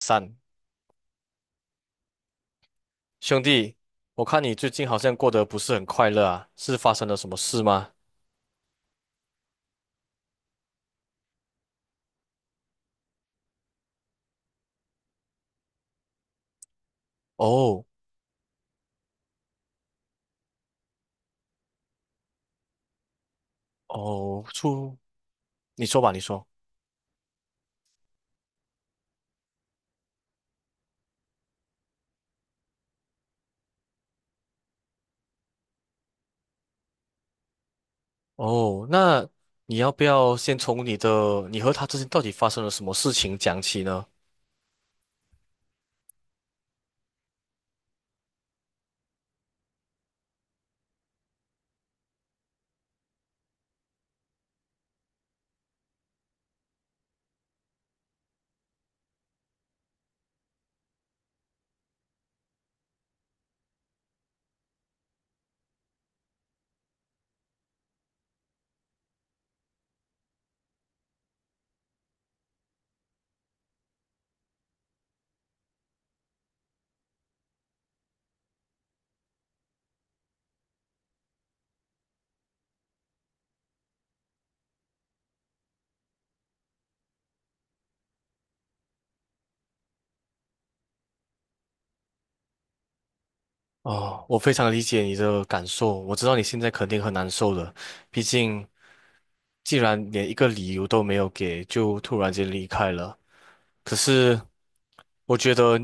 三，兄弟，我看你最近好像过得不是很快乐啊，是发生了什么事吗？哦哦，出，你说吧，你说。哦，那你要不要先从你的，你和他之间到底发生了什么事情讲起呢？哦，我非常理解你的感受，我知道你现在肯定很难受的，毕竟既然连一个理由都没有给，就突然间离开了。可是。我觉得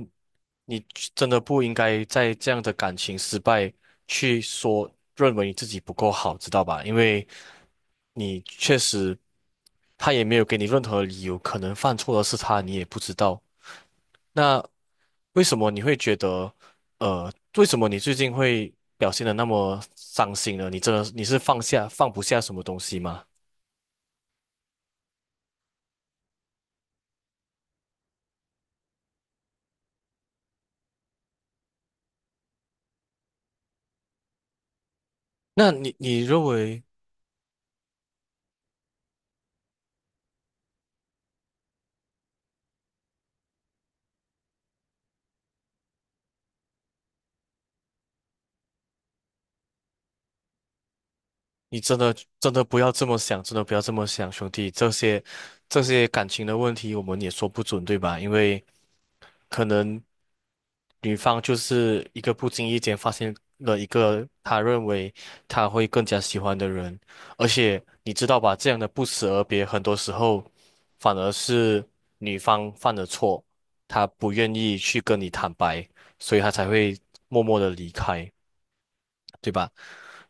你真的不应该在这样的感情失败去说认为你自己不够好，知道吧？因为你确实他也没有给你任何理由，可能犯错的是他，你也不知道。那为什么你会觉得，为什么你最近会表现的那么伤心呢？你真的你是放下放不下什么东西吗？那你你认为？你真的真的不要这么想，真的不要这么想，兄弟，这些感情的问题，我们也说不准，对吧？因为可能女方就是一个不经意间发现了一个她认为她会更加喜欢的人，而且你知道吧，这样的不辞而别，很多时候反而是女方犯了错，她不愿意去跟你坦白，所以她才会默默的离开，对吧？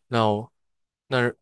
那那。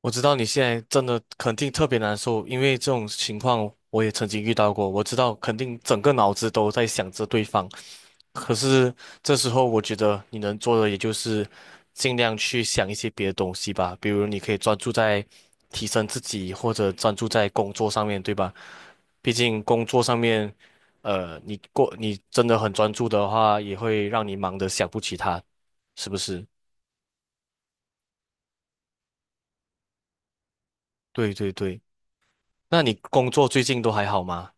我知道你现在真的肯定特别难受，因为这种情况我也曾经遇到过。我知道肯定整个脑子都在想着对方，可是这时候我觉得你能做的也就是尽量去想一些别的东西吧，比如你可以专注在提升自己，或者专注在工作上面，对吧？毕竟工作上面，你过你真的很专注的话，也会让你忙得想不起他，是不是？对对对，那你工作最近都还好吗？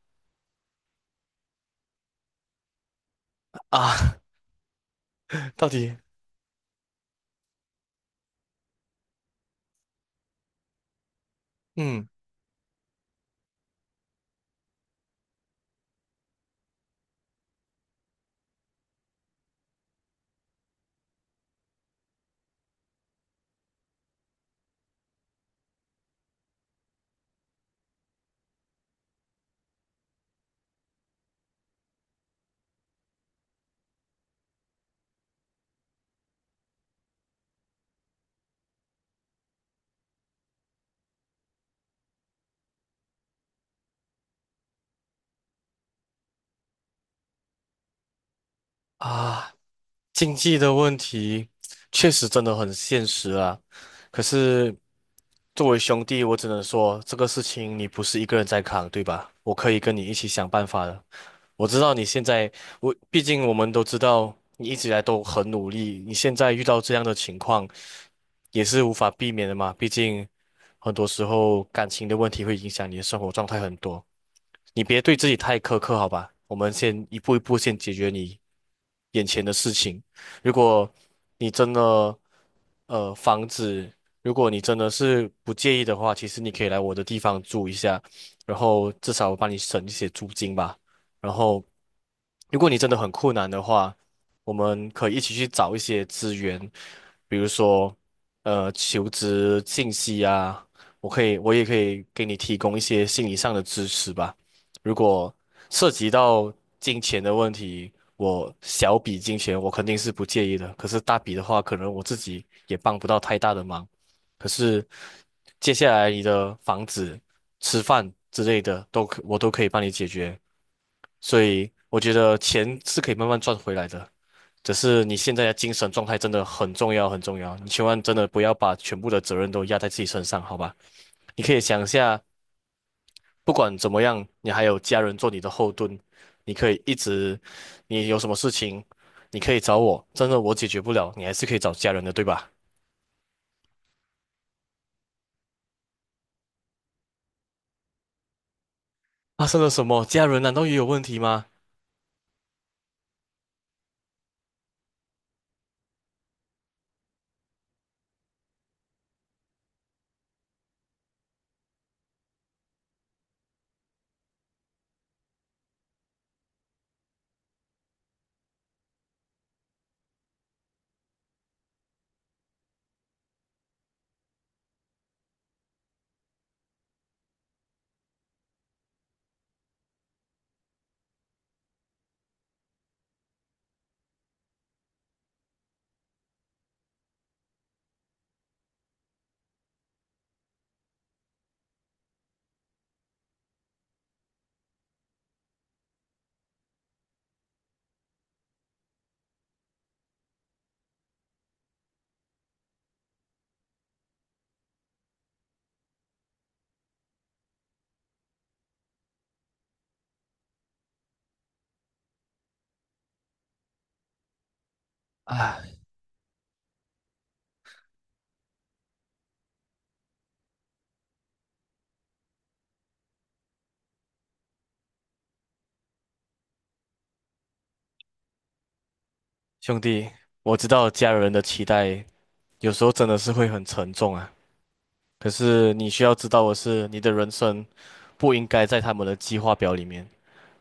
啊。到底，嗯啊，经济的问题确实真的很现实啊。可是作为兄弟，我只能说这个事情你不是一个人在扛，对吧？我可以跟你一起想办法的。我知道你现在，我毕竟我们都知道你一直以来都很努力，你现在遇到这样的情况也是无法避免的嘛。毕竟很多时候感情的问题会影响你的生活状态很多。你别对自己太苛刻，好吧？我们先一步一步先解决你眼前的事情。如果你真的，房子，如果你真的是不介意的话，其实你可以来我的地方住一下，然后至少我帮你省一些租金吧。然后，如果你真的很困难的话，我们可以一起去找一些资源，比如说，求职信息啊，我可以，我也可以给你提供一些心理上的支持吧。如果涉及到金钱的问题，我小笔金钱我肯定是不介意的，可是大笔的话，可能我自己也帮不到太大的忙。可是接下来你的房子、吃饭之类的都可，我都可以帮你解决，所以我觉得钱是可以慢慢赚回来的。只是你现在的精神状态真的很重要，很重要。你千万真的不要把全部的责任都压在自己身上，好吧？你可以想一下，不管怎么样，你还有家人做你的后盾，你可以一直，你有什么事情，你可以找我，真的我解决不了，你还是可以找家人的，对吧？发生了 什么？家人难道也有问题吗？唉，兄弟，我知道家人的期待有时候真的是会很沉重啊。可是你需要知道的是，你的人生不应该在他们的计划表里面。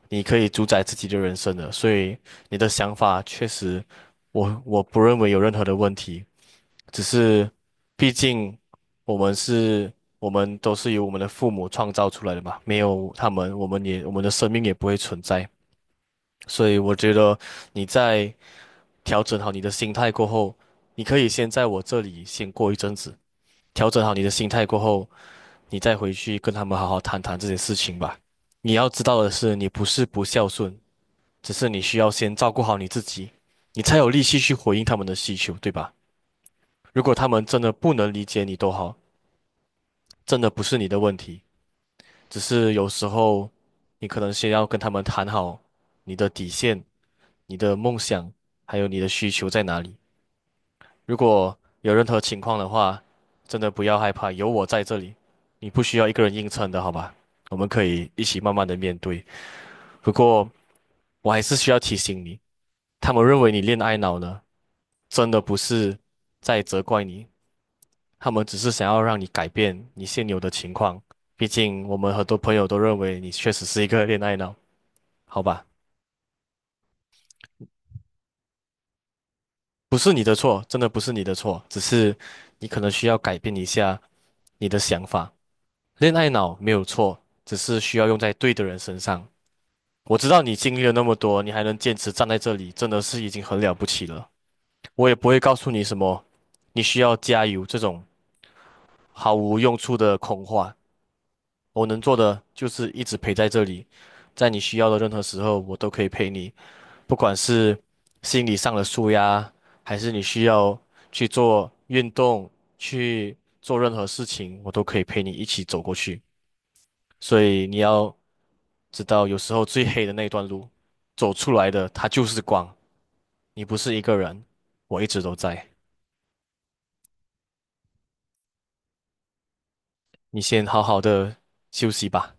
你可以主宰自己的人生的，所以你的想法确实我不认为有任何的问题。只是毕竟我们是，我们都是由我们的父母创造出来的嘛，没有他们，我们的生命也不会存在。所以我觉得你在调整好你的心态过后，你可以先在我这里先过一阵子，调整好你的心态过后，你再回去跟他们好好谈谈这件事情吧。你要知道的是，你不是不孝顺，只是你需要先照顾好你自己，你才有力气去回应他们的需求，对吧？如果他们真的不能理解你都好。真的不是你的问题，只是有时候你可能先要跟他们谈好你的底线、你的梦想，还有你的需求在哪里。如果有任何情况的话，真的不要害怕，有我在这里，你不需要一个人硬撑的，好吧？我们可以一起慢慢的面对。不过我还是需要提醒你，他们认为你恋爱脑呢，真的不是在责怪你。他们只是想要让你改变你现有的情况。毕竟我们很多朋友都认为你确实是一个恋爱脑，好吧？不是你的错，真的不是你的错，只是你可能需要改变一下你的想法。恋爱脑没有错，只是需要用在对的人身上。我知道你经历了那么多，你还能坚持站在这里，真的是已经很了不起了。我也不会告诉你什么，你需要加油这种毫无用处的空话。我能做的就是一直陪在这里，在你需要的任何时候，我都可以陪你，不管是心理上的舒压，还是你需要去做运动、去做任何事情，我都可以陪你一起走过去。所以你要知道，有时候最黑的那段路，走出来的它就是光，你不是一个人，我一直都在。你先好好的休息吧。